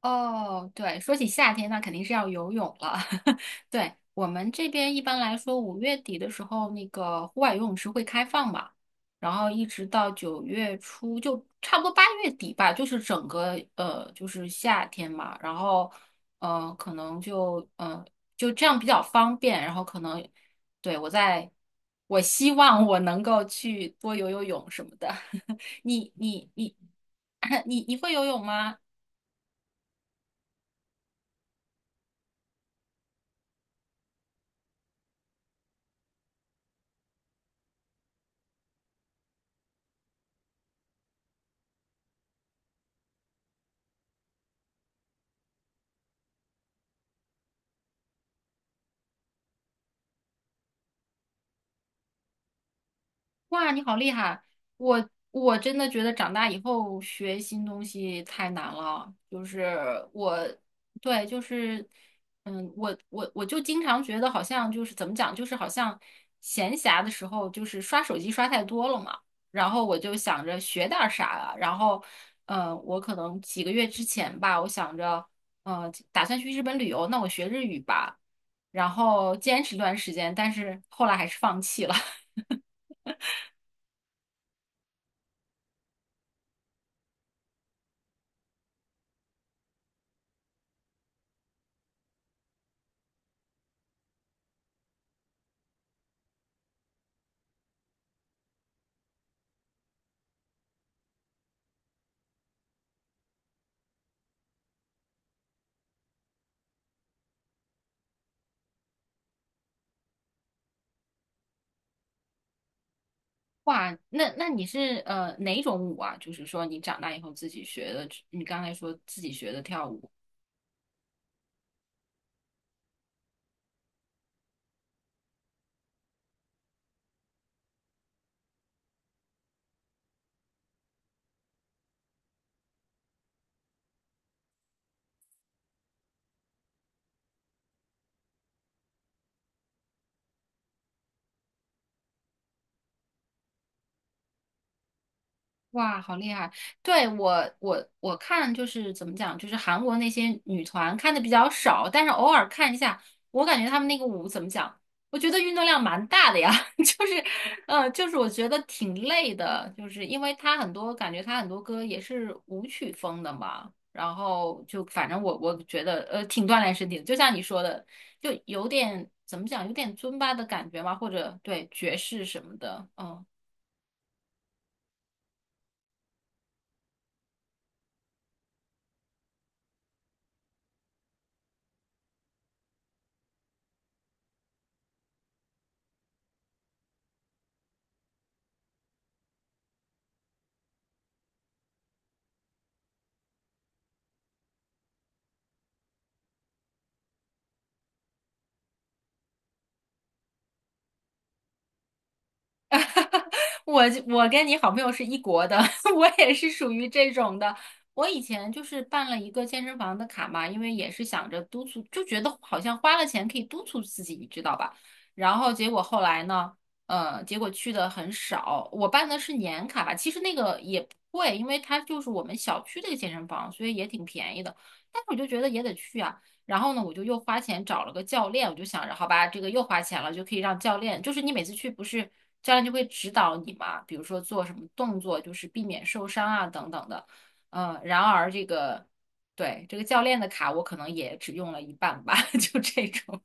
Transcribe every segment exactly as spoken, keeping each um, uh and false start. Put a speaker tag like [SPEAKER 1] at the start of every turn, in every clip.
[SPEAKER 1] 哦，对，说起夏天，那肯定是要游泳了。对，我们这边一般来说，五月底的时候，那个户外游泳池会开放嘛，然后一直到九月初，就差不多八月底吧，就是整个呃，就是夏天嘛。然后，呃，可能就呃，就这样比较方便。然后可能，对，我在，我希望我能够去多游游泳什么的。你你你 你你会游泳吗？哇，你好厉害！我我真的觉得长大以后学新东西太难了。就是我，对，就是，嗯，我我我就经常觉得好像就是怎么讲，就是好像闲暇的时候就是刷手机刷太多了嘛。然后我就想着学点儿啥啊。然后，嗯，我可能几个月之前吧，我想着，呃，打算去日本旅游，那我学日语吧。然后坚持一段时间，但是后来还是放弃了。哇，那那你是呃哪种舞啊？就是说你长大以后自己学的，你刚才说自己学的跳舞。哇，好厉害！对，我，我我看就是怎么讲，就是韩国那些女团看的比较少，但是偶尔看一下，我感觉她们那个舞怎么讲，我觉得运动量蛮大的呀，就是，呃，就是我觉得挺累的，就是因为她很多感觉她很多歌也是舞曲风的嘛，然后就反正我我觉得呃挺锻炼身体的，就像你说的，就有点怎么讲，有点尊巴的感觉嘛，或者对爵士什么的，嗯。我我跟你好朋友是一国的，我也是属于这种的。我以前就是办了一个健身房的卡嘛，因为也是想着督促，就觉得好像花了钱可以督促自己，你知道吧？然后结果后来呢，呃，结果去的很少。我办的是年卡吧，其实那个也不贵，因为它就是我们小区的一个健身房，所以也挺便宜的。但是我就觉得也得去啊。然后呢，我就又花钱找了个教练，我就想着，好吧，这个又花钱了，就可以让教练，就是你每次去不是教练就会指导你嘛，比如说做什么动作，就是避免受伤啊等等的。嗯，然而这个对这个教练的卡，我可能也只用了一半吧，就这种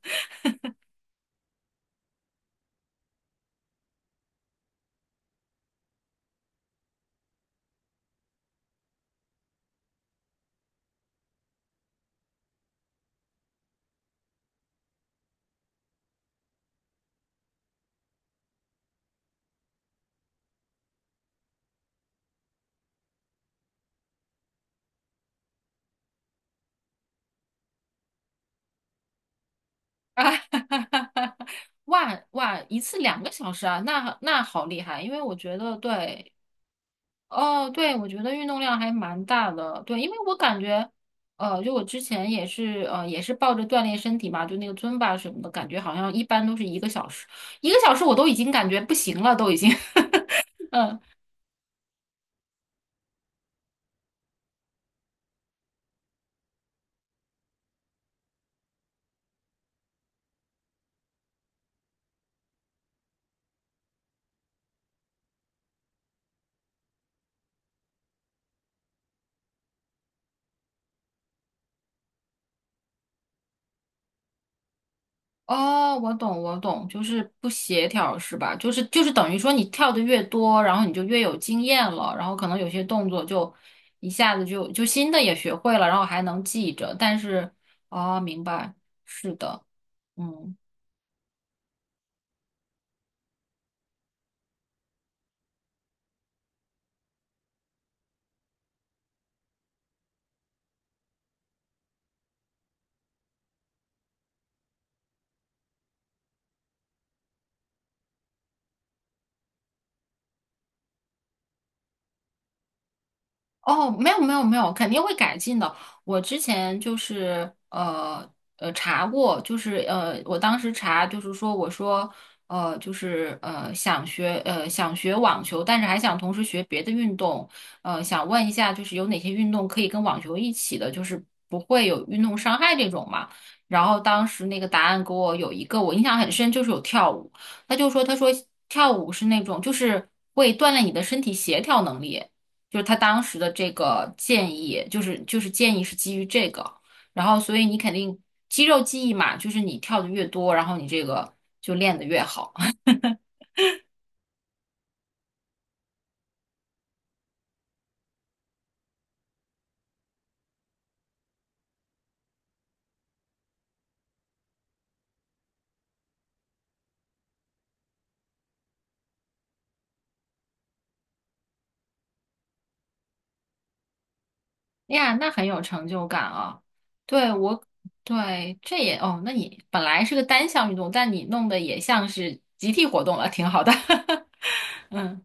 [SPEAKER 1] 啊，哇哇，一次两个小时啊，那那好厉害，因为我觉得对哦，对，我觉得运动量还蛮大的，对，因为我感觉，呃，就我之前也是，呃，也是抱着锻炼身体嘛，就那个尊巴什么的，感觉好像一般都是一个小时，一个小时我都已经感觉不行了，都已经，嗯，哦，我懂，我懂，就是不协调是吧？就是就是等于说你跳的越多，然后你就越有经验了，然后可能有些动作就一下子就就新的也学会了，然后还能记着，但是，哦，明白，是的，嗯。哦，没有没有没有，肯定会改进的。我之前就是呃呃查过，就是呃我当时查就是说我说呃就是呃想学呃想学网球，但是还想同时学别的运动，呃想问一下就是有哪些运动可以跟网球一起的，就是不会有运动伤害这种嘛。然后当时那个答案给我有一个我印象很深，就是有跳舞。他就说他说跳舞是那种就是会锻炼你的身体协调能力。就是他当时的这个建议，就是就是建议是基于这个，然后所以你肯定肌肉记忆嘛，就是你跳的越多，然后你这个就练得越好。哎呀，那很有成就感啊！对我，对这也哦，那你本来是个单项运动，但你弄得也像是集体活动了，挺好的。嗯。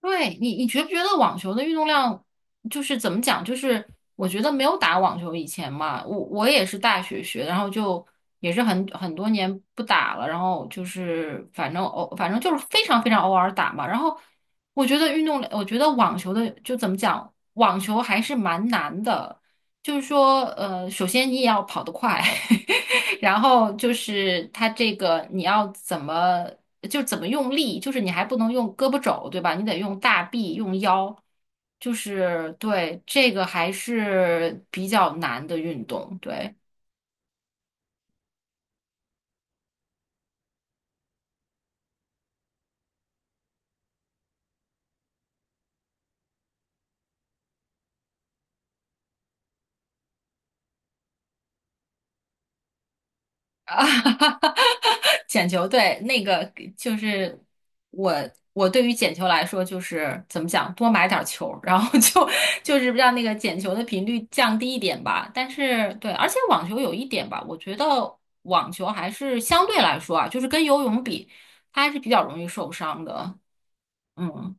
[SPEAKER 1] 对你，你觉不觉得网球的运动量就是怎么讲？就是我觉得没有打网球以前嘛，我我也是大学学，然后就也是很很多年不打了，然后就是反正偶反正就是非常非常偶尔打嘛。然后我觉得运动，我觉得网球的就怎么讲，网球还是蛮难的，就是说呃，首先你也要跑得快，然后就是它这个你要怎么就怎么用力，就是你还不能用胳膊肘，对吧？你得用大臂，用腰，就是对这个还是比较难的运动，对。啊，捡球，对，那个就是我，我对于捡球来说，就是怎么讲，多买点儿球，然后就 就是让那个捡球的频率降低一点吧。但是对，而且网球有一点吧，我觉得网球还是相对来说啊，就是跟游泳比，它还是比较容易受伤的。嗯。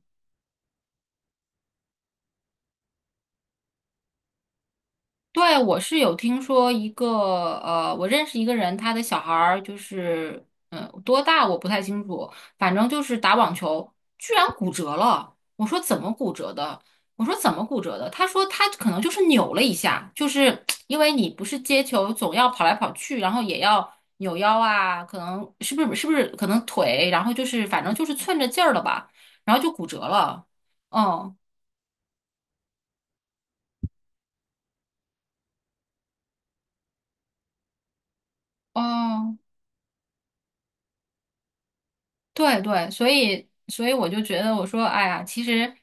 [SPEAKER 1] 对，我是有听说一个，呃，我认识一个人，他的小孩儿就是，嗯，多大我不太清楚，反正就是打网球，居然骨折了。我说怎么骨折的？我说怎么骨折的？他说他可能就是扭了一下，就是因为你不是接球总要跑来跑去，然后也要扭腰啊，可能是不是是不是可能腿，然后就是反正就是寸着劲儿了吧，然后就骨折了。嗯，哦。对对，所以所以我就觉得，我说，哎呀，其实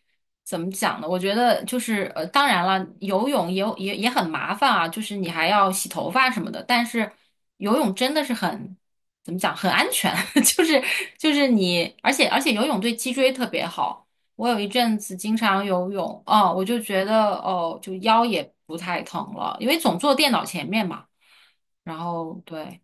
[SPEAKER 1] 怎么讲呢？我觉得就是呃，当然了，游泳也有也也很麻烦啊，就是你还要洗头发什么的。但是游泳真的是很怎么讲，很安全，就是就是你，而且而且游泳对脊椎特别好。我有一阵子经常游泳，哦，我就觉得哦，就腰也不太疼了，因为总坐电脑前面嘛。然后对。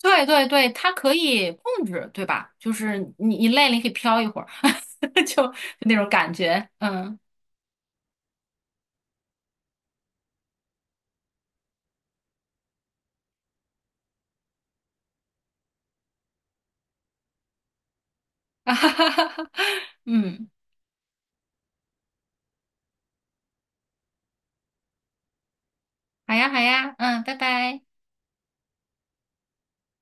[SPEAKER 1] 对对对，它可以控制，对吧？就是你你累了，你可以飘一会儿，就就那种感觉，嗯，啊哈哈哈哈，嗯，好呀好呀，嗯，拜拜。